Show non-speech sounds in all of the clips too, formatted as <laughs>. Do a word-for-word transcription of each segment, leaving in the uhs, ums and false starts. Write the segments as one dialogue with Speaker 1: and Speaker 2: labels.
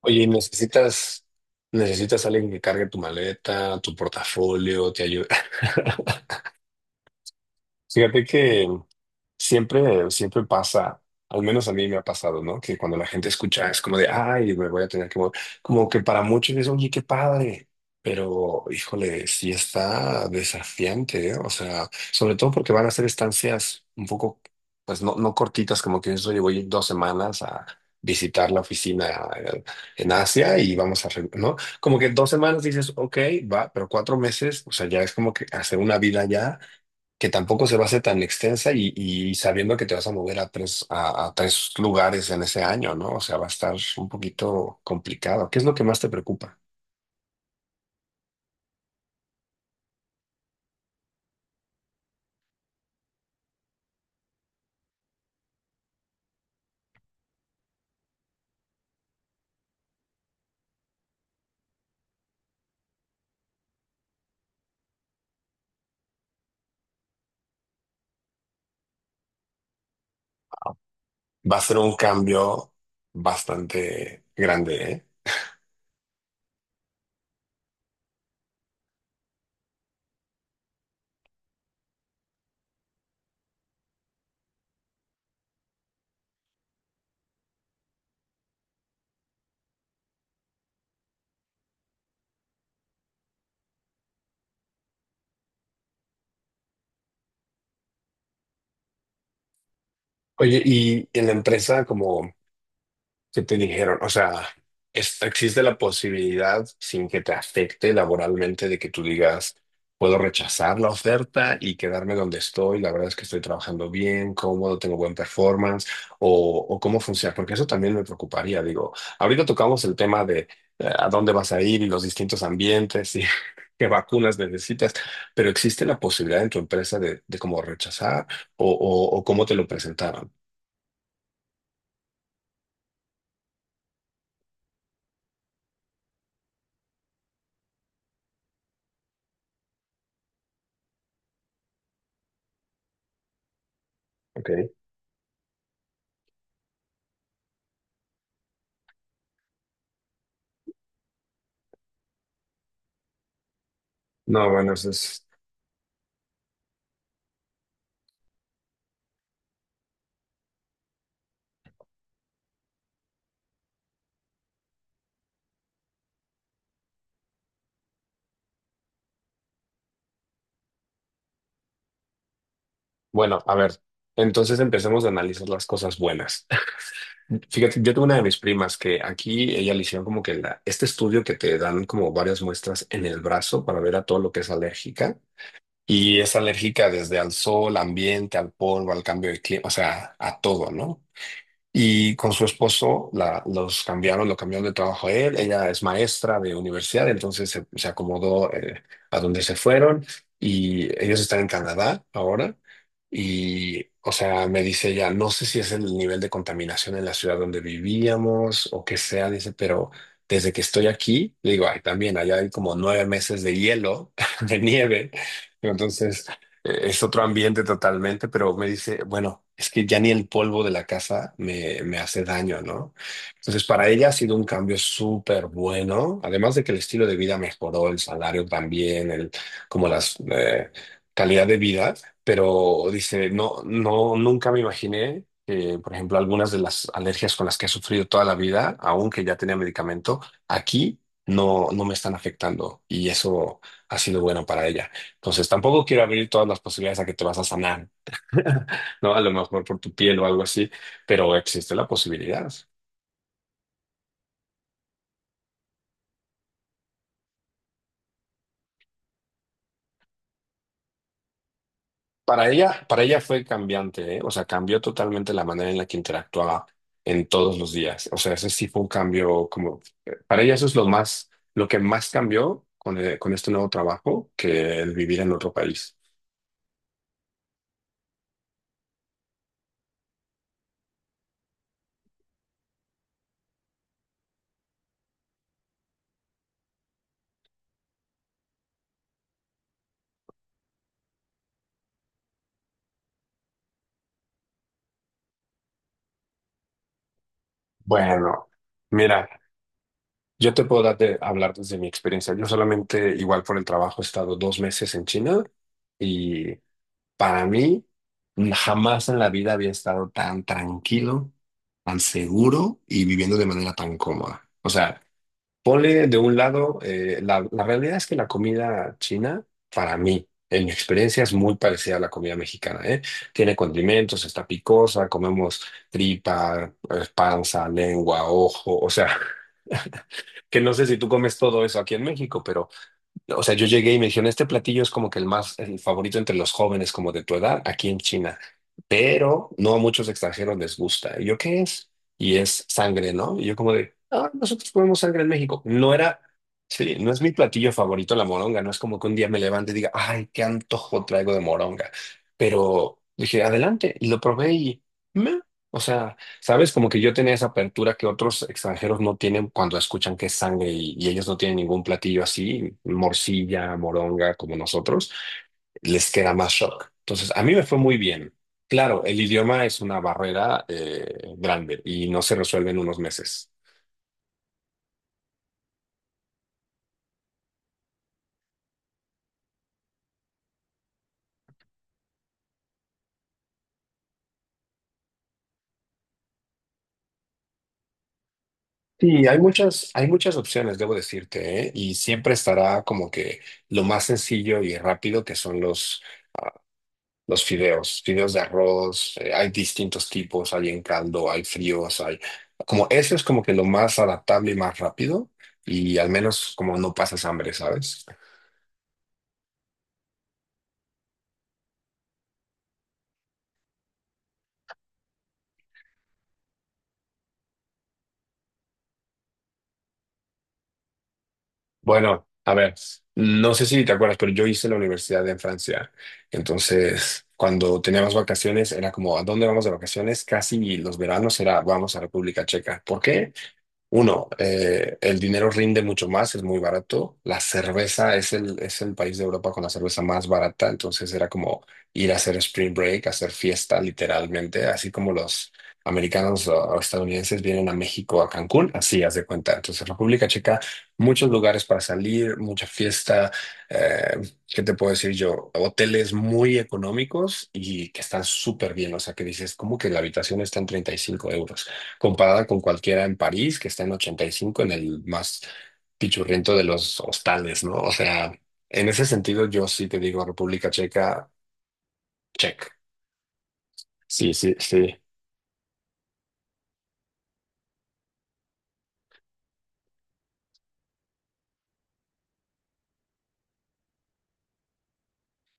Speaker 1: Oye, necesitas, necesitas alguien que cargue tu maleta, tu portafolio, te ayude. Fíjate que siempre, siempre pasa, al menos a mí me ha pasado, ¿no? Que cuando la gente escucha es como de, ay, me voy a tener que mover. Como que para muchos es, oye, qué padre. Pero, híjole, sí está desafiante, ¿eh? O sea, sobre todo porque van a ser estancias un poco, pues no, no cortitas, como que dices, oye, voy dos semanas a visitar la oficina eh, en Asia y vamos a, re- ¿no? Como que dos semanas dices, ok, va, pero cuatro meses, o sea, ya es como que hacer una vida allá que tampoco se va a hacer tan extensa y, y sabiendo que te vas a mover a tres, a, a tres lugares en ese año, ¿no? O sea, va a estar un poquito complicado. ¿Qué es lo que más te preocupa? Va a ser un cambio bastante grande, ¿eh? Oye, y en la empresa, como ¿qué te dijeron? O sea, es- existe la posibilidad, sin que te afecte laboralmente, de que tú digas, puedo rechazar la oferta y quedarme donde estoy. La verdad es que estoy trabajando bien, cómodo, tengo buen performance. O, o cómo funciona, porque eso también me preocuparía. Digo, ahorita tocamos el tema de eh, a dónde vas a ir y los distintos ambientes y <laughs> qué vacunas necesitas, pero existe la posibilidad en tu empresa de, de cómo rechazar o, o, o cómo te lo presentaron. Ok. No, bueno, eso es. Bueno, a ver, entonces empecemos a analizar las cosas buenas. <laughs> Fíjate, yo tuve una de mis primas que aquí ella le hicieron como que la- este estudio que te dan como varias muestras en el brazo para ver a todo lo que es alérgica. Y es alérgica desde al sol, ambiente, al polvo, al cambio de clima, o sea, a todo, ¿no? Y con su esposo la, los cambiaron, lo cambiaron de trabajo a él. Ella es maestra de universidad, entonces se, se acomodó eh, a donde se fueron y ellos están en Canadá ahora. Y, o sea, me dice ella, no sé si es el nivel de contaminación en la ciudad donde vivíamos o qué sea, dice, pero desde que estoy aquí, le digo, ay, también allá hay como nueve meses de hielo, <laughs> de nieve. Entonces, eh, es otro ambiente totalmente, pero me dice, bueno, es que ya ni el polvo de la casa me, me hace daño, ¿no? Entonces, para ella ha sido un cambio súper bueno, además de que el estilo de vida mejoró, el salario también, el, como las eh, calidad de vida, pero dice, no, no, nunca me imaginé que, por ejemplo, algunas de las alergias con las que he sufrido toda la vida, aunque ya tenía medicamento, aquí no, no me, están afectando y eso ha sido bueno para ella. Entonces, tampoco quiero abrir todas las posibilidades a que te vas a sanar, <laughs> ¿no? A lo mejor por tu piel o algo así, pero existe la posibilidad. Para ella, para ella fue cambiante, ¿eh? O sea, cambió totalmente la manera en la que interactuaba en todos los días. O sea, ese sí fue un cambio como, para ella eso es lo más, lo que más cambió con, eh, con este nuevo trabajo que el vivir en otro país. Bueno, mira, yo te puedo dar de- hablar desde mi experiencia. Yo solamente, igual por el trabajo, he estado dos meses en China y para mí, jamás en la vida había estado tan tranquilo, tan seguro y viviendo de manera tan cómoda. O sea, ponle de un lado, eh, la, la realidad es que la comida china, para mí, en mi experiencia, es muy parecida a la comida mexicana, ¿eh? Tiene condimentos, está picosa, comemos tripa, eh, panza, lengua, ojo, o sea, <laughs> que no sé si tú comes todo eso aquí en México, pero... O sea, yo llegué y me dijeron, este platillo es como que el más, el favorito entre los jóvenes como de tu edad aquí en China, pero no a muchos extranjeros les gusta. ¿Y yo qué es? Y es sangre, ¿no? Y yo como de, ah, nosotros comemos sangre en México. No era, sí, no es mi platillo favorito la moronga, no es como que un día me levante y diga, ay, qué antojo traigo de moronga. Pero dije, adelante, y lo probé y, meh, o sea... ¿Sabes? Como que yo tenía esa apertura que otros extranjeros no tienen cuando escuchan que es sangre y, y ellos no tienen ningún platillo así, morcilla, moronga, como nosotros, les queda más shock. Entonces, a mí me fue muy bien. Claro, el idioma es una barrera eh, grande y no se resuelve en unos meses. Sí, hay muchas, hay muchas opciones, debo decirte, ¿eh? Y siempre estará como que lo más sencillo y rápido que son los Los fideos, fideos de arroz, eh, hay distintos tipos, hay en caldo, hay fríos, hay... Como eso es como que lo más adaptable y más rápido y al menos como no pasas hambre, ¿sabes? Bueno, a ver, no sé si te acuerdas, pero yo hice la universidad en Francia. Entonces, cuando teníamos vacaciones, era como, ¿a dónde vamos de vacaciones? Casi los veranos era, vamos a República Checa. ¿Por qué? Uno, eh, el dinero rinde mucho más, es muy barato. La cerveza es el, es el país de Europa con la cerveza más barata, entonces era como ir a hacer spring break, hacer fiesta literalmente, así como los americanos o o estadounidenses vienen a México, a Cancún, así haz de cuenta. Entonces, República Checa, muchos lugares para salir, mucha fiesta, eh, ¿qué te puedo decir yo? Hoteles muy económicos y que están súper bien, o sea, que dices, como que la habitación está en treinta y cinco euros comparada con cualquiera en París, que está en ochenta y cinco en el más pichurriento de los hostales, ¿no? O sea, en ese sentido, yo sí te digo República Checa, check. Sí, sí, sí.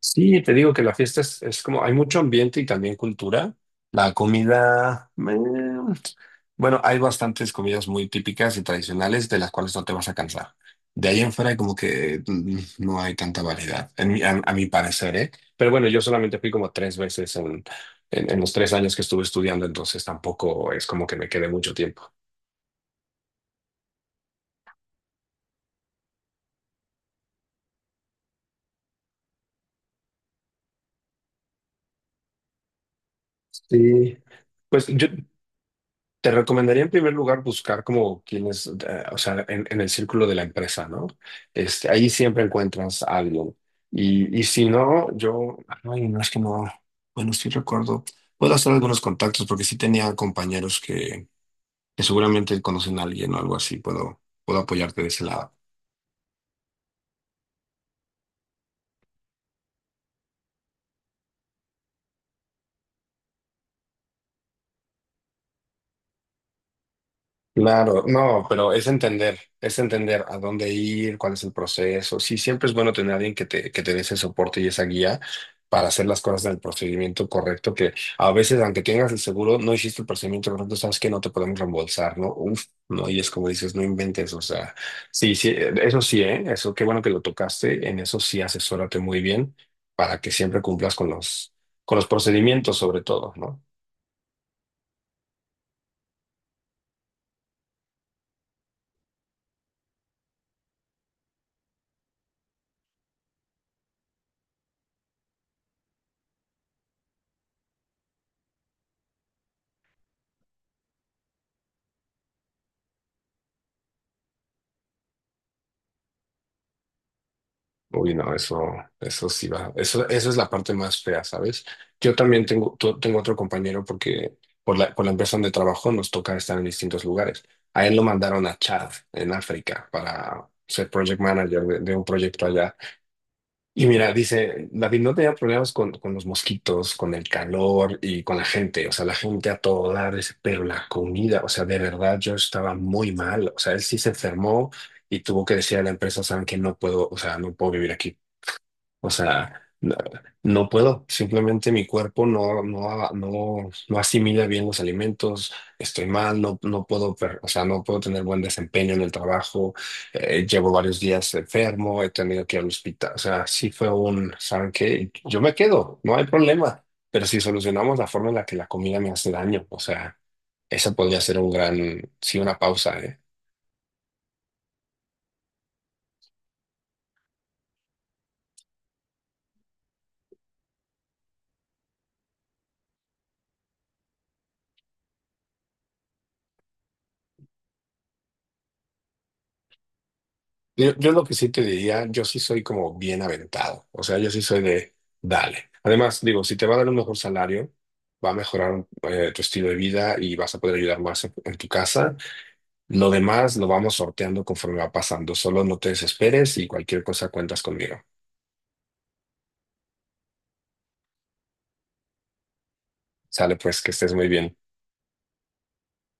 Speaker 1: Sí, te digo que la fiesta es, es como, hay mucho ambiente y también cultura. La comida, mm, bueno, hay bastantes comidas muy típicas y tradicionales de las cuales no te vas a cansar. De ahí en fuera como que mm, no hay tanta variedad, en mi- a, a mi parecer, ¿eh? Pero bueno, yo solamente fui como tres veces en, en, en los tres años que estuve estudiando, entonces tampoco es como que me quedé mucho tiempo. Sí. Pues yo te recomendaría en primer lugar buscar como quienes, eh, o sea, en, en el círculo de la empresa, ¿no? Este, ahí siempre encuentras algo. Y, y si no, yo, ay, no es que no, bueno, sí recuerdo, puedo hacer algunos contactos porque sí tenía compañeros que, que seguramente conocen a alguien o algo así, puedo, puedo apoyarte de ese lado. Claro, no, pero es entender, es entender a dónde ir, cuál es el proceso. Sí, siempre es bueno tener a alguien que te, que te dé ese soporte y esa guía para hacer las cosas del procedimiento correcto, que a veces, aunque tengas el seguro, no hiciste el procedimiento correcto, sabes que no te podemos reembolsar, ¿no? Uf, no, y es como dices, no inventes, o sea, sí, sí, eh, eso sí, ¿eh? Eso, qué bueno que lo tocaste, en eso sí asesórate muy bien para que siempre cumplas con los, con los procedimientos sobre todo, ¿no? Uy, no, eso, eso sí va. Eso, eso es la parte más fea, ¿sabes? Yo también tengo, tu- tengo otro compañero porque por la, por la empresa donde trabajo nos toca estar en distintos lugares. A él lo mandaron a Chad, en África, para ser project manager de, de un proyecto allá. Y mira, dice, David no tenía problemas con, con los mosquitos, con el calor y con la gente. O sea, la gente a todo dar, dice, pero la comida, o sea, de verdad yo estaba muy mal. O sea, él sí se enfermó y tuvo que decir a la empresa, saben que no puedo, o sea, no puedo vivir aquí. O sea, no, no puedo, simplemente mi cuerpo no, no, no, no asimila bien los alimentos, estoy mal, no, no puedo, per- o sea, no puedo tener buen desempeño en el trabajo, eh, llevo varios días enfermo, he tenido que ir al hospital, o sea, sí fue un, ¿saben qué? Yo me quedo, no hay problema, pero si solucionamos la forma en la que la comida me hace daño, o sea, esa podría ser un gran, sí, una pausa, ¿eh? Yo, yo lo que sí te diría, yo sí soy como bien aventado, o sea, yo sí soy de, dale. Además, digo, si te va a dar un mejor salario, va a mejorar eh, tu estilo de vida y vas a poder ayudar más en, en tu casa. Lo demás lo vamos sorteando conforme va pasando, solo no te desesperes y cualquier cosa cuentas conmigo. Sale pues, que estés muy bien.